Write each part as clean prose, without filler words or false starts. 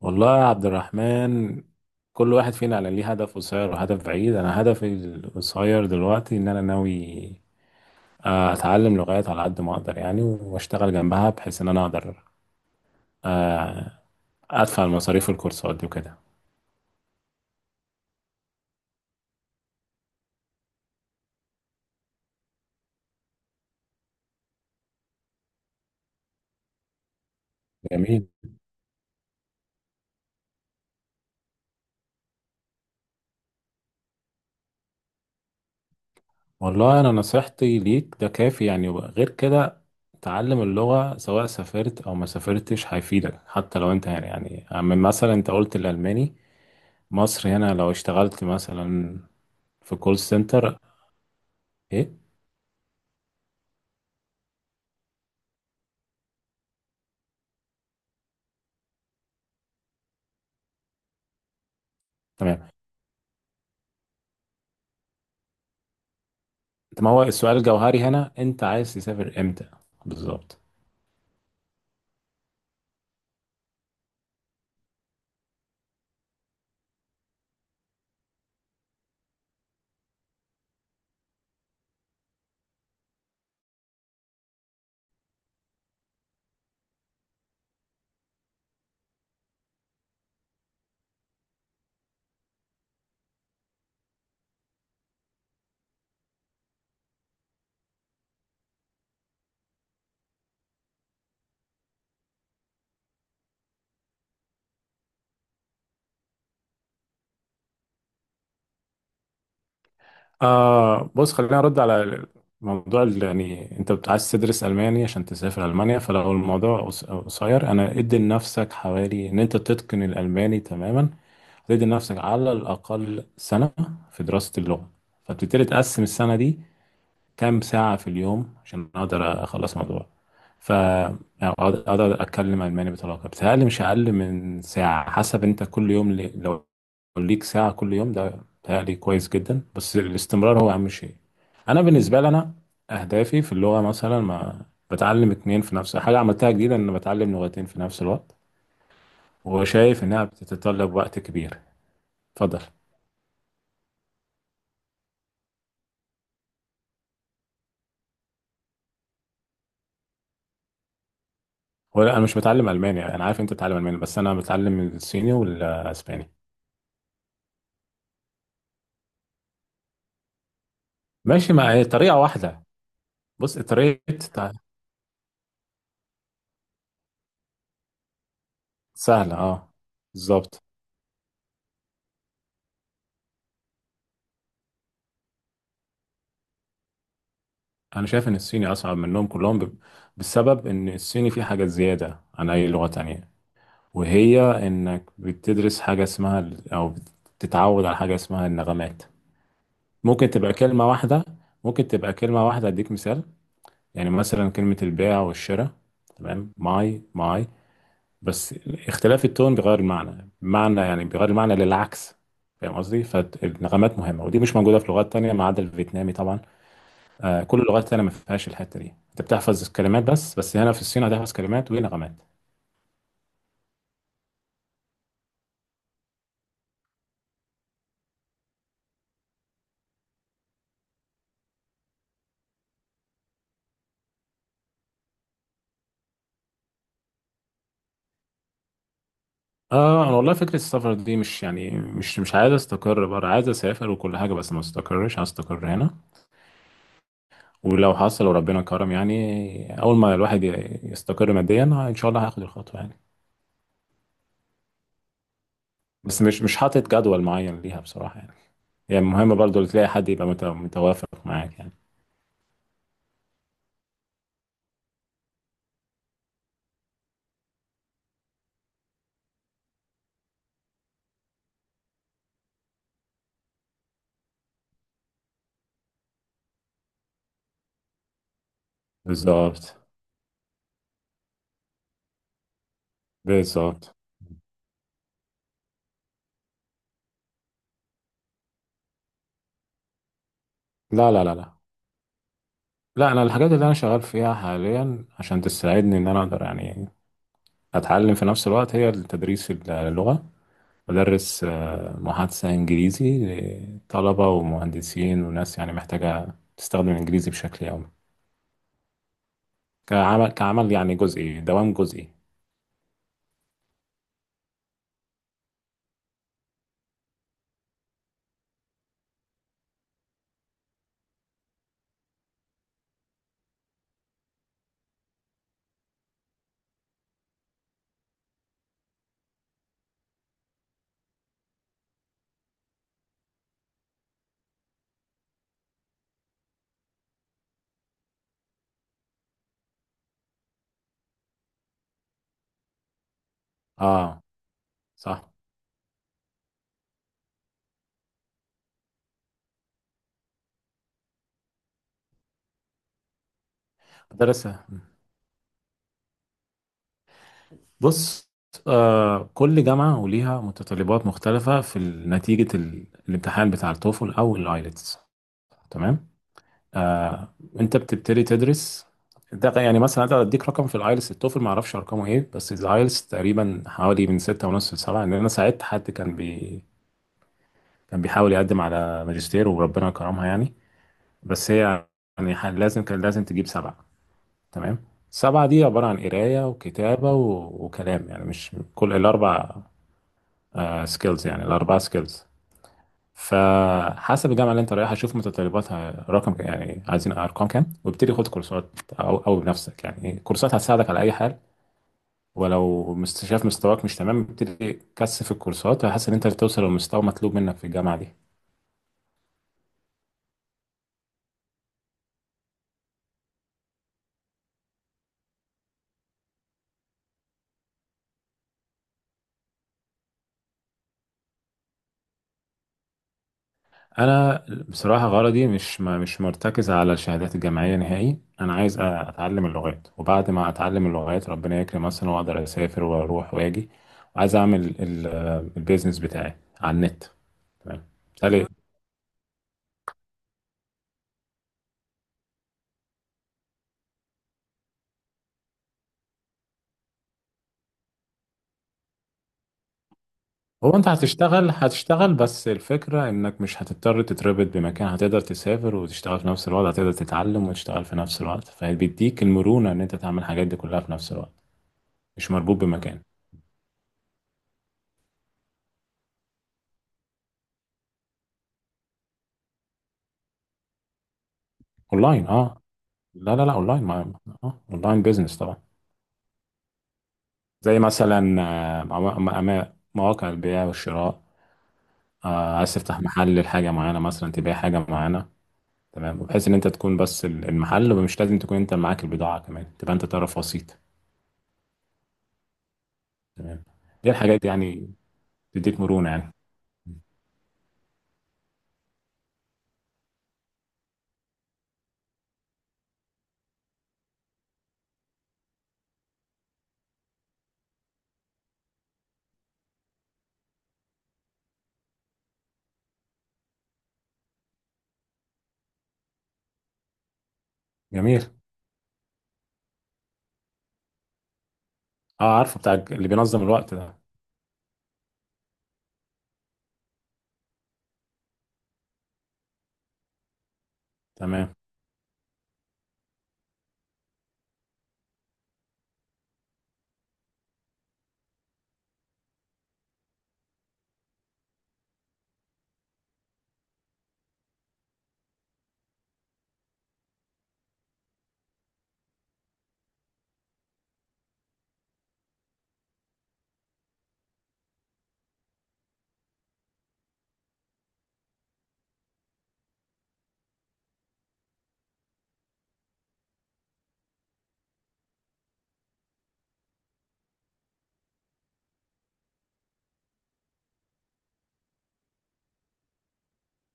والله يا عبد الرحمن، كل واحد فينا على ليه هدف قصير وهدف بعيد. انا هدفي القصير دلوقتي ان انا ناوي اتعلم لغات على قد ما اقدر يعني، واشتغل جنبها بحيث ان انا اقدر آه، ادفع المصاريف الكورسات دي وكده. جميل. والله انا نصيحتي ليك ده كافي يعني، غير كده تعلم اللغة سواء سافرت او ما سافرتش هيفيدك، حتى لو انت هنا يعني. من مثلا انت قلت الالماني، مصر هنا لو اشتغلت مثلا في كول سنتر. ايه. تمام. ما هو السؤال الجوهري هنا، انت عايز تسافر امتى؟ بالظبط. آه، بص خلينا ارد على موضوع يعني انت عايز تدرس الماني عشان تسافر المانيا، فلو الموضوع قصير انا ادي لنفسك حوالي ان انت تتقن الالماني تماما، تدي لنفسك على الاقل سنه في دراسه اللغه. فبتبتدي تقسم السنه دي كام ساعة في اليوم عشان أقدر أخلص الموضوع، فأقدر أقدر أتكلم ألماني بطلاقة. بتهيألي مش أقل من ساعة حسب أنت كل يوم. لو ليك ساعة كل يوم ده بتهيألي كويس جدا، بس الاستمرار هو أهم شيء. أنا بالنسبة لي، أنا أهدافي في اللغة مثلا ما بتعلم اتنين في نفس، حاجة عملتها جديدة إن بتعلم لغتين في نفس الوقت، وشايف إنها بتتطلب وقت كبير. اتفضل. هو لا، أنا مش بتعلم ألماني، أنا عارف أنت بتتعلم ألماني بس أنا بتعلم الصيني والأسباني. ماشي، ما هي طريقة واحدة. بص اتريت سهلة اه. بالظبط. انا شايف ان الصيني اصعب منهم كلهم بسبب ان الصيني فيه حاجات زيادة عن اي لغة تانية، وهي انك بتدرس حاجة اسمها او بتتعود على حاجة اسمها النغمات. ممكن تبقى كلمة واحدة ممكن تبقى كلمة واحدة، اديك مثال. يعني مثلا كلمة البيع والشراء، تمام؟ ماي ماي، بس اختلاف التون بيغير المعنى، معنى يعني بيغير المعنى للعكس، فاهم قصدي؟ فالنغمات مهمه ودي مش موجوده في لغات تانية ما عدا الفيتنامي طبعا. كل اللغات التانية ما فيهاش الحته دي، انت بتحفظ كلمات بس هنا في الصين هتحفظ كلمات ونغمات. اه، انا والله فكره السفر دي مش يعني، مش عايز استقر بره، عايز اسافر وكل حاجه بس ما استقرش، عايز استقر هنا. ولو حصل وربنا كرم، يعني اول ما الواحد يستقر ماديا، ان شاء الله هاخد الخطوه يعني. بس مش حاطط جدول معين ليها بصراحه، يعني يعني مهم برضو اللي تلاقي حد يبقى متوافق معاك يعني. بالظبط، بالظبط. لا، لا، لا، لا. لا، انا الحاجات اللي انا شغال فيها حاليا عشان تساعدني ان انا اقدر يعني اتعلم في نفس الوقت هي التدريس اللغة. بدرس محادثة انجليزي لطلبة ومهندسين وناس يعني محتاجة تستخدم الانجليزي بشكل يومي، كعمل يعني جزئي، دوام جزئي. اه، صح. بدرس. بص، كل جامعة وليها متطلبات مختلفة في نتيجة الامتحان بتاع التوفل أو الآيلتس، تمام. آه أنت بتبتدي تدرس، ده يعني مثلا. أنا أديك رقم في الآيلتس، التوفل معرفش أرقامه إيه، بس الآيلتس تقريبا حوالي من 6.5 لسبعة، لأن أنا ساعدت حد كان بيحاول يقدم على ماجستير وربنا كرمها يعني، بس هي يعني كان لازم تجيب 7، تمام؟ 7 دي عبارة عن قراية وكتابة وكلام، يعني مش كل الأربع سكيلز، يعني الأربعة سكيلز. فحسب الجامعة اللي أنت رايحها شوف متطلباتها، رقم يعني عايزين أرقام كام، وابتدي خد كورسات، أو بنفسك يعني، كورسات هتساعدك على أي حال. ولو شايف مستواك مش تمام، ابتدي كثف الكورسات، هحس إن أنت توصل للمستوى مطلوب منك في الجامعة دي. انا بصراحه غرضي مش مرتكز على الشهادات الجامعيه نهائي، انا عايز اتعلم اللغات، وبعد ما اتعلم اللغات ربنا يكرم مثلا واقدر اسافر واروح واجي، وعايز اعمل البيزنس بتاعي على النت. تمام، بالتالي هو انت هتشتغل بس الفكره انك مش هتضطر تتربط بمكان، هتقدر تسافر وتشتغل في نفس الوقت، هتقدر تتعلم وتشتغل في نفس الوقت، فبيديك المرونه ان انت تعمل الحاجات دي كلها في نفس الوقت، مش مربوط بمكان. اونلاين، اه. لا، لا، لا، اونلاين اونلاين بيزنس طبعا. زي مثلا مواقع البيع والشراء، عايز تفتح محل لحاجه معينه مثلا، تبيع حاجه معينه، تمام، بحيث ان انت تكون بس المحل ومش لازم تكون انت معاك البضاعه كمان، تبقى انت طرف وسيط. تمام. دي الحاجات دي يعني تديك مرونه يعني. جميل. اه، عارفه، بتاع اللي بينظم الوقت ده. تمام.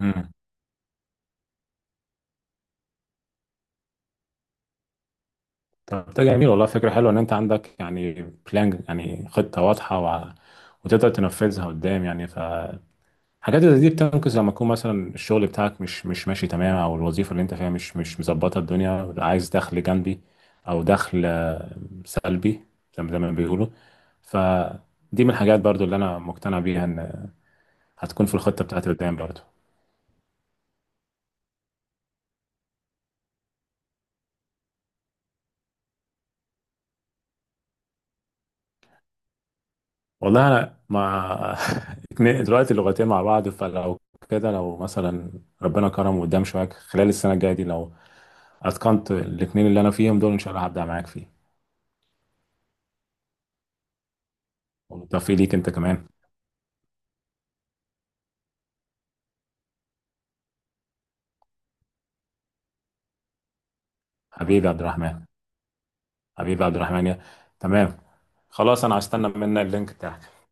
امم طب ده جميل والله، فكره حلوه ان انت عندك يعني بلان، يعني خطه واضحه، وتقدر تنفذها قدام يعني. حاجات زي دي بتنقذ لما يكون مثلا الشغل بتاعك مش ماشي تمام، او الوظيفه اللي انت فيها مش مظبطه، الدنيا عايز دخل جانبي، او دخل سلبي زي ما زي ما بيقولوا. فدي من الحاجات برضو اللي انا مقتنع بيها، ان هتكون في الخطه بتاعتي قدام برضو. والله، انا ما دلوقتي اللغتين مع بعض، فلو كده لو مثلا ربنا كرم قدام شويه خلال السنه الجايه دي، لو اتقنت الاثنين اللي انا فيهم دول ان شاء الله هبدع معاك فيه. والتوفيق ليك انت كمان. حبيبي يا عبد الرحمن، حبيبي عبد الرحمن تمام. خلاص، انا هستنى منك اللينك بتاعك.